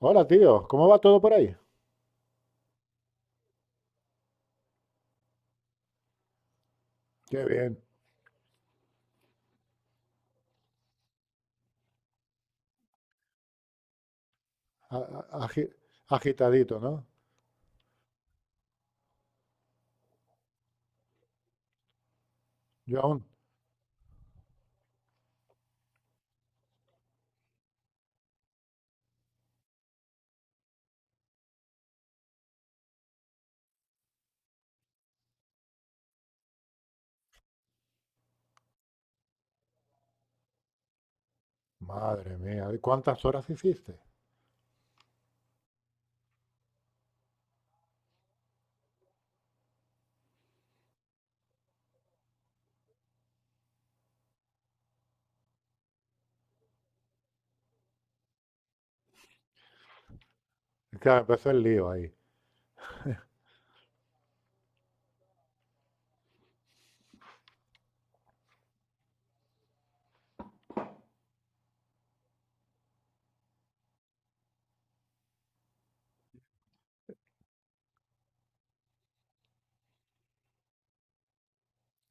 Hola, tío. ¿Cómo va todo por ahí? Qué bien. A- a- agi- agitadito, ¿no? Yo aún. Madre mía, ¿y cuántas horas hiciste? Claro, empezó el lío ahí.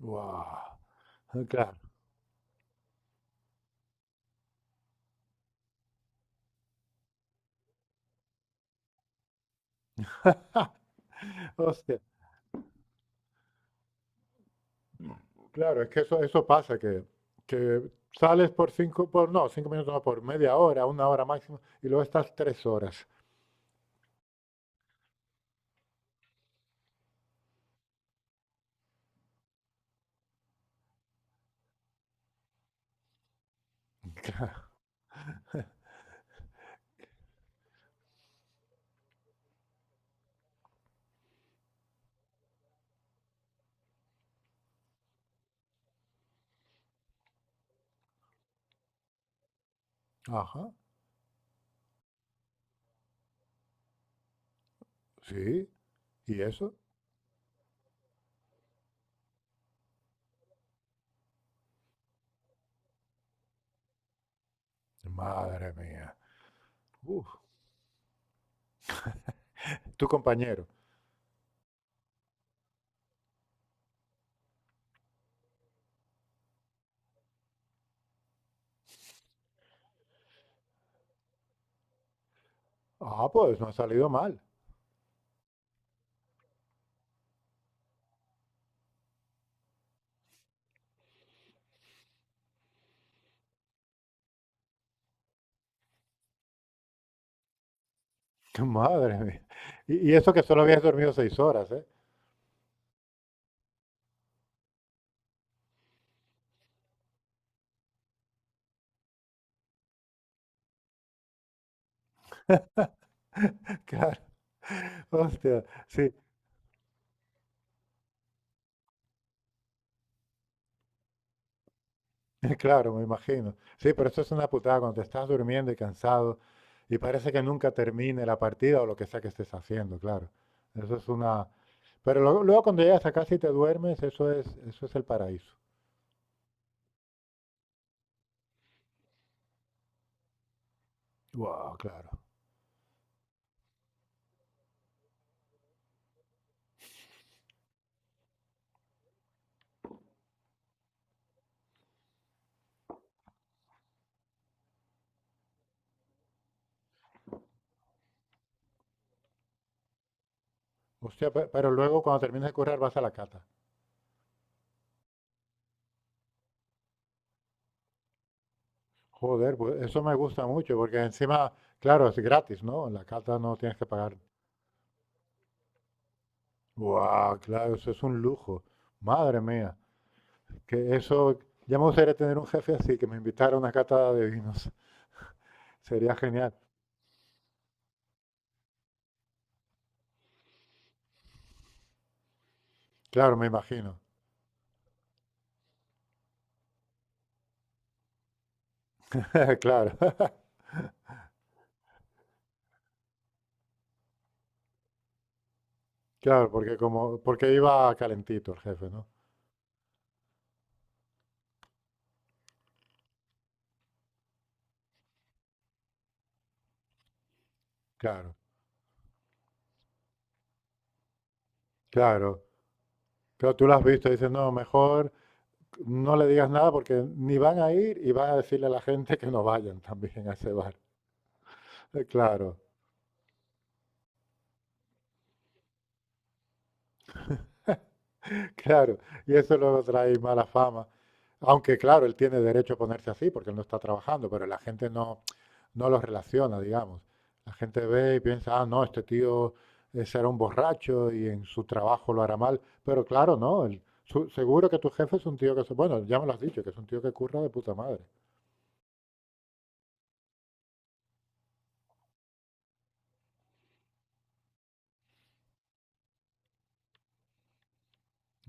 ¡Guau! Claro. Hostia. Claro, es que eso pasa, que sales por cinco, por, no, 5 minutos, no, por media hora, 1 hora máximo, y luego estás 3 horas. Ajá, sí. ¿Y eso? Madre mía. Uf, tu compañero. Ah, pues no ha salido mal. Madre mía. Y eso que solo habías dormido 6 horas, ¿eh? Claro, hostia, sí, claro, me imagino. Sí, pero eso es una putada cuando te estás durmiendo y cansado y parece que nunca termine la partida o lo que sea que estés haciendo, claro. Eso es una... Pero luego, luego cuando llegas a casa y te duermes, eso es el paraíso. Wow, claro. Hostia, pero luego cuando terminas de currar vas a la cata. Joder, pues eso me gusta mucho porque encima, claro, es gratis, ¿no? En la cata no tienes que pagar. Wow, claro, eso es un lujo. Madre mía, que eso, ya me gustaría tener un jefe así, que me invitara a una cata de vinos. Sería genial. Claro, me imagino. Claro, claro, porque como, porque iba calentito el jefe, ¿no? Claro, claro. Pero tú lo has visto, dices, no, mejor no le digas nada porque ni van a ir y van a decirle a la gente que no vayan también a ese bar. Claro, claro. Y eso luego trae mala fama. Aunque claro, él tiene derecho a ponerse así porque él no está trabajando, pero la gente no, no los relaciona, digamos. La gente ve y piensa, ah, no, este tío será un borracho y en su trabajo lo hará mal. Pero claro, no, seguro que tu jefe es un tío que, bueno, ya me lo has dicho, que es un tío que curra de puta madre.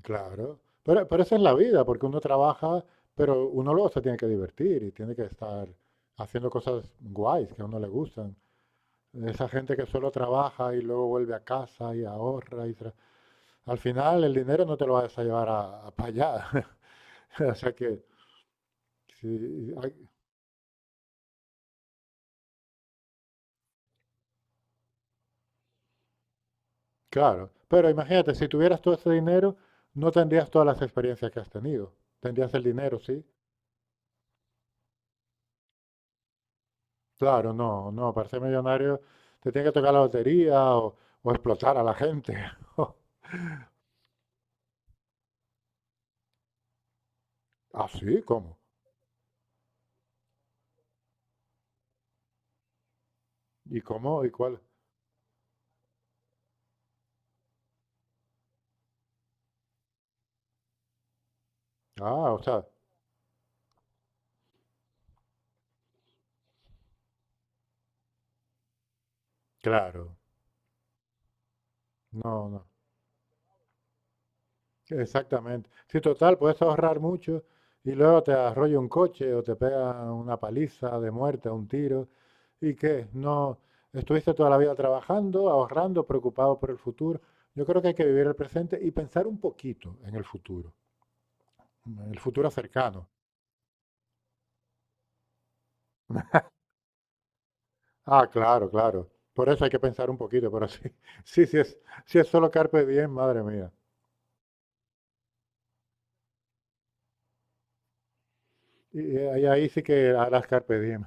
Claro, pero esa es la vida, porque uno trabaja, pero uno luego se tiene que divertir y tiene que estar haciendo cosas guays que a uno le gustan. Esa gente que solo trabaja y luego vuelve a casa y ahorra y al final el dinero no te lo vas a llevar a, para allá. O sea que sí, claro. Pero imagínate, si tuvieras todo ese dinero, no tendrías todas las experiencias que has tenido. Tendrías el dinero, sí. Claro, no, no. Para ser millonario te tiene que tocar la lotería o explotar a la gente. Ah, sí, ¿cómo? ¿Y cómo? ¿Y cuál? Ah, o sea, claro. No, no. Exactamente. Sí, total, puedes ahorrar mucho y luego te arrolla un coche o te pega una paliza de muerte, un tiro. ¿Y qué? No, estuviste toda la vida trabajando, ahorrando, preocupado por el futuro. Yo creo que hay que vivir el presente y pensar un poquito en el futuro cercano. Ah, claro, claro. Por eso hay que pensar un poquito, pero sí, sí, sí es solo carpe diem, madre mía. Y ahí, sí que harás carpe diem.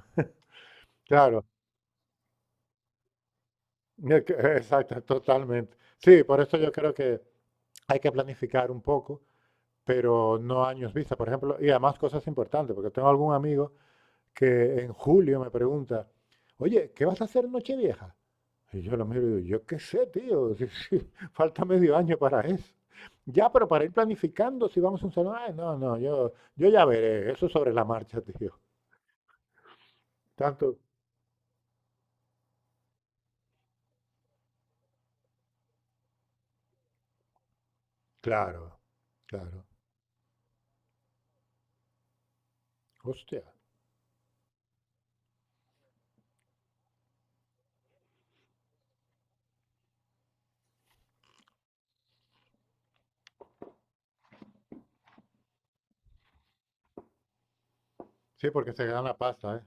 Claro, Exacto, totalmente. Sí, por eso yo creo que hay que planificar un poco, pero no años vista, por ejemplo, y además cosas importantes, porque tengo algún amigo que en julio me pregunta, oye, ¿qué vas a hacer en Nochevieja? Y yo lo miro y digo, yo qué sé, tío, si falta medio año para eso. Ya, pero para ir planificando, si vamos a un salón, ay, no, no, yo ya veré, eso es sobre la marcha, tío. Tanto, claro, claro. Hostia. Sí, porque se gana pasta, ¿eh?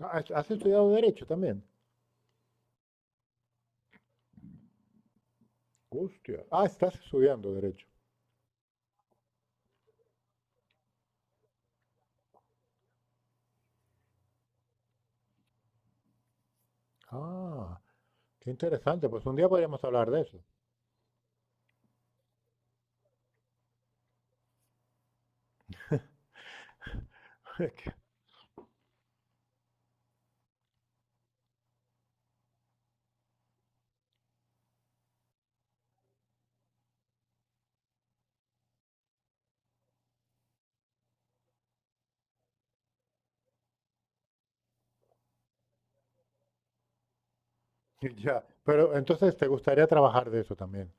Ah, ¿Has estudiado derecho también? Hostia. Ah, estás estudiando Derecho. Ah, qué interesante. Pues un día podríamos hablar de eso. Es que... Ya. Pero entonces te gustaría trabajar de eso también.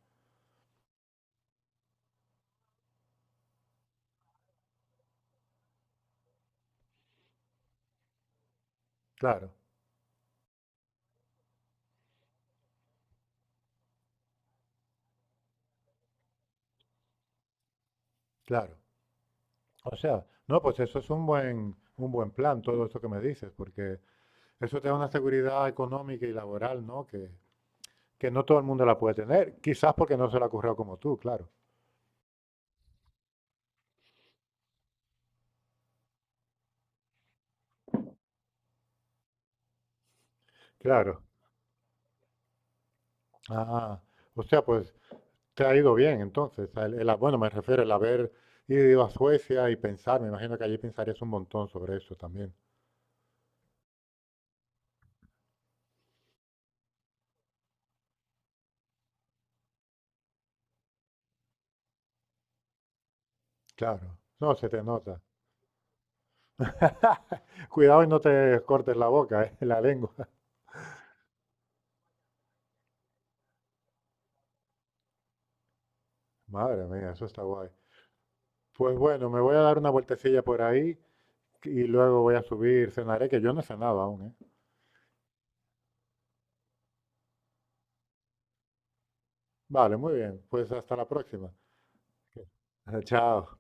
Claro, claro. O sea, no, pues eso es un buen plan, todo esto que me dices, porque eso te da una seguridad económica y laboral, ¿no? Que no todo el mundo la puede tener. Quizás porque no se la ha currado como tú, claro. Claro. Ah, o sea, pues te ha ido bien, entonces. El bueno, me refiero al haber ido a Suecia y pensar, me imagino que allí pensarías un montón sobre eso también. Claro. No, se te nota. Cuidado y no te cortes la boca, la lengua. Madre mía, eso está guay. Pues bueno, me voy a dar una vueltecilla por ahí y luego voy a subir, cenaré, que yo no he cenado aún, ¿eh? Vale, muy bien. Pues hasta la próxima. Chao.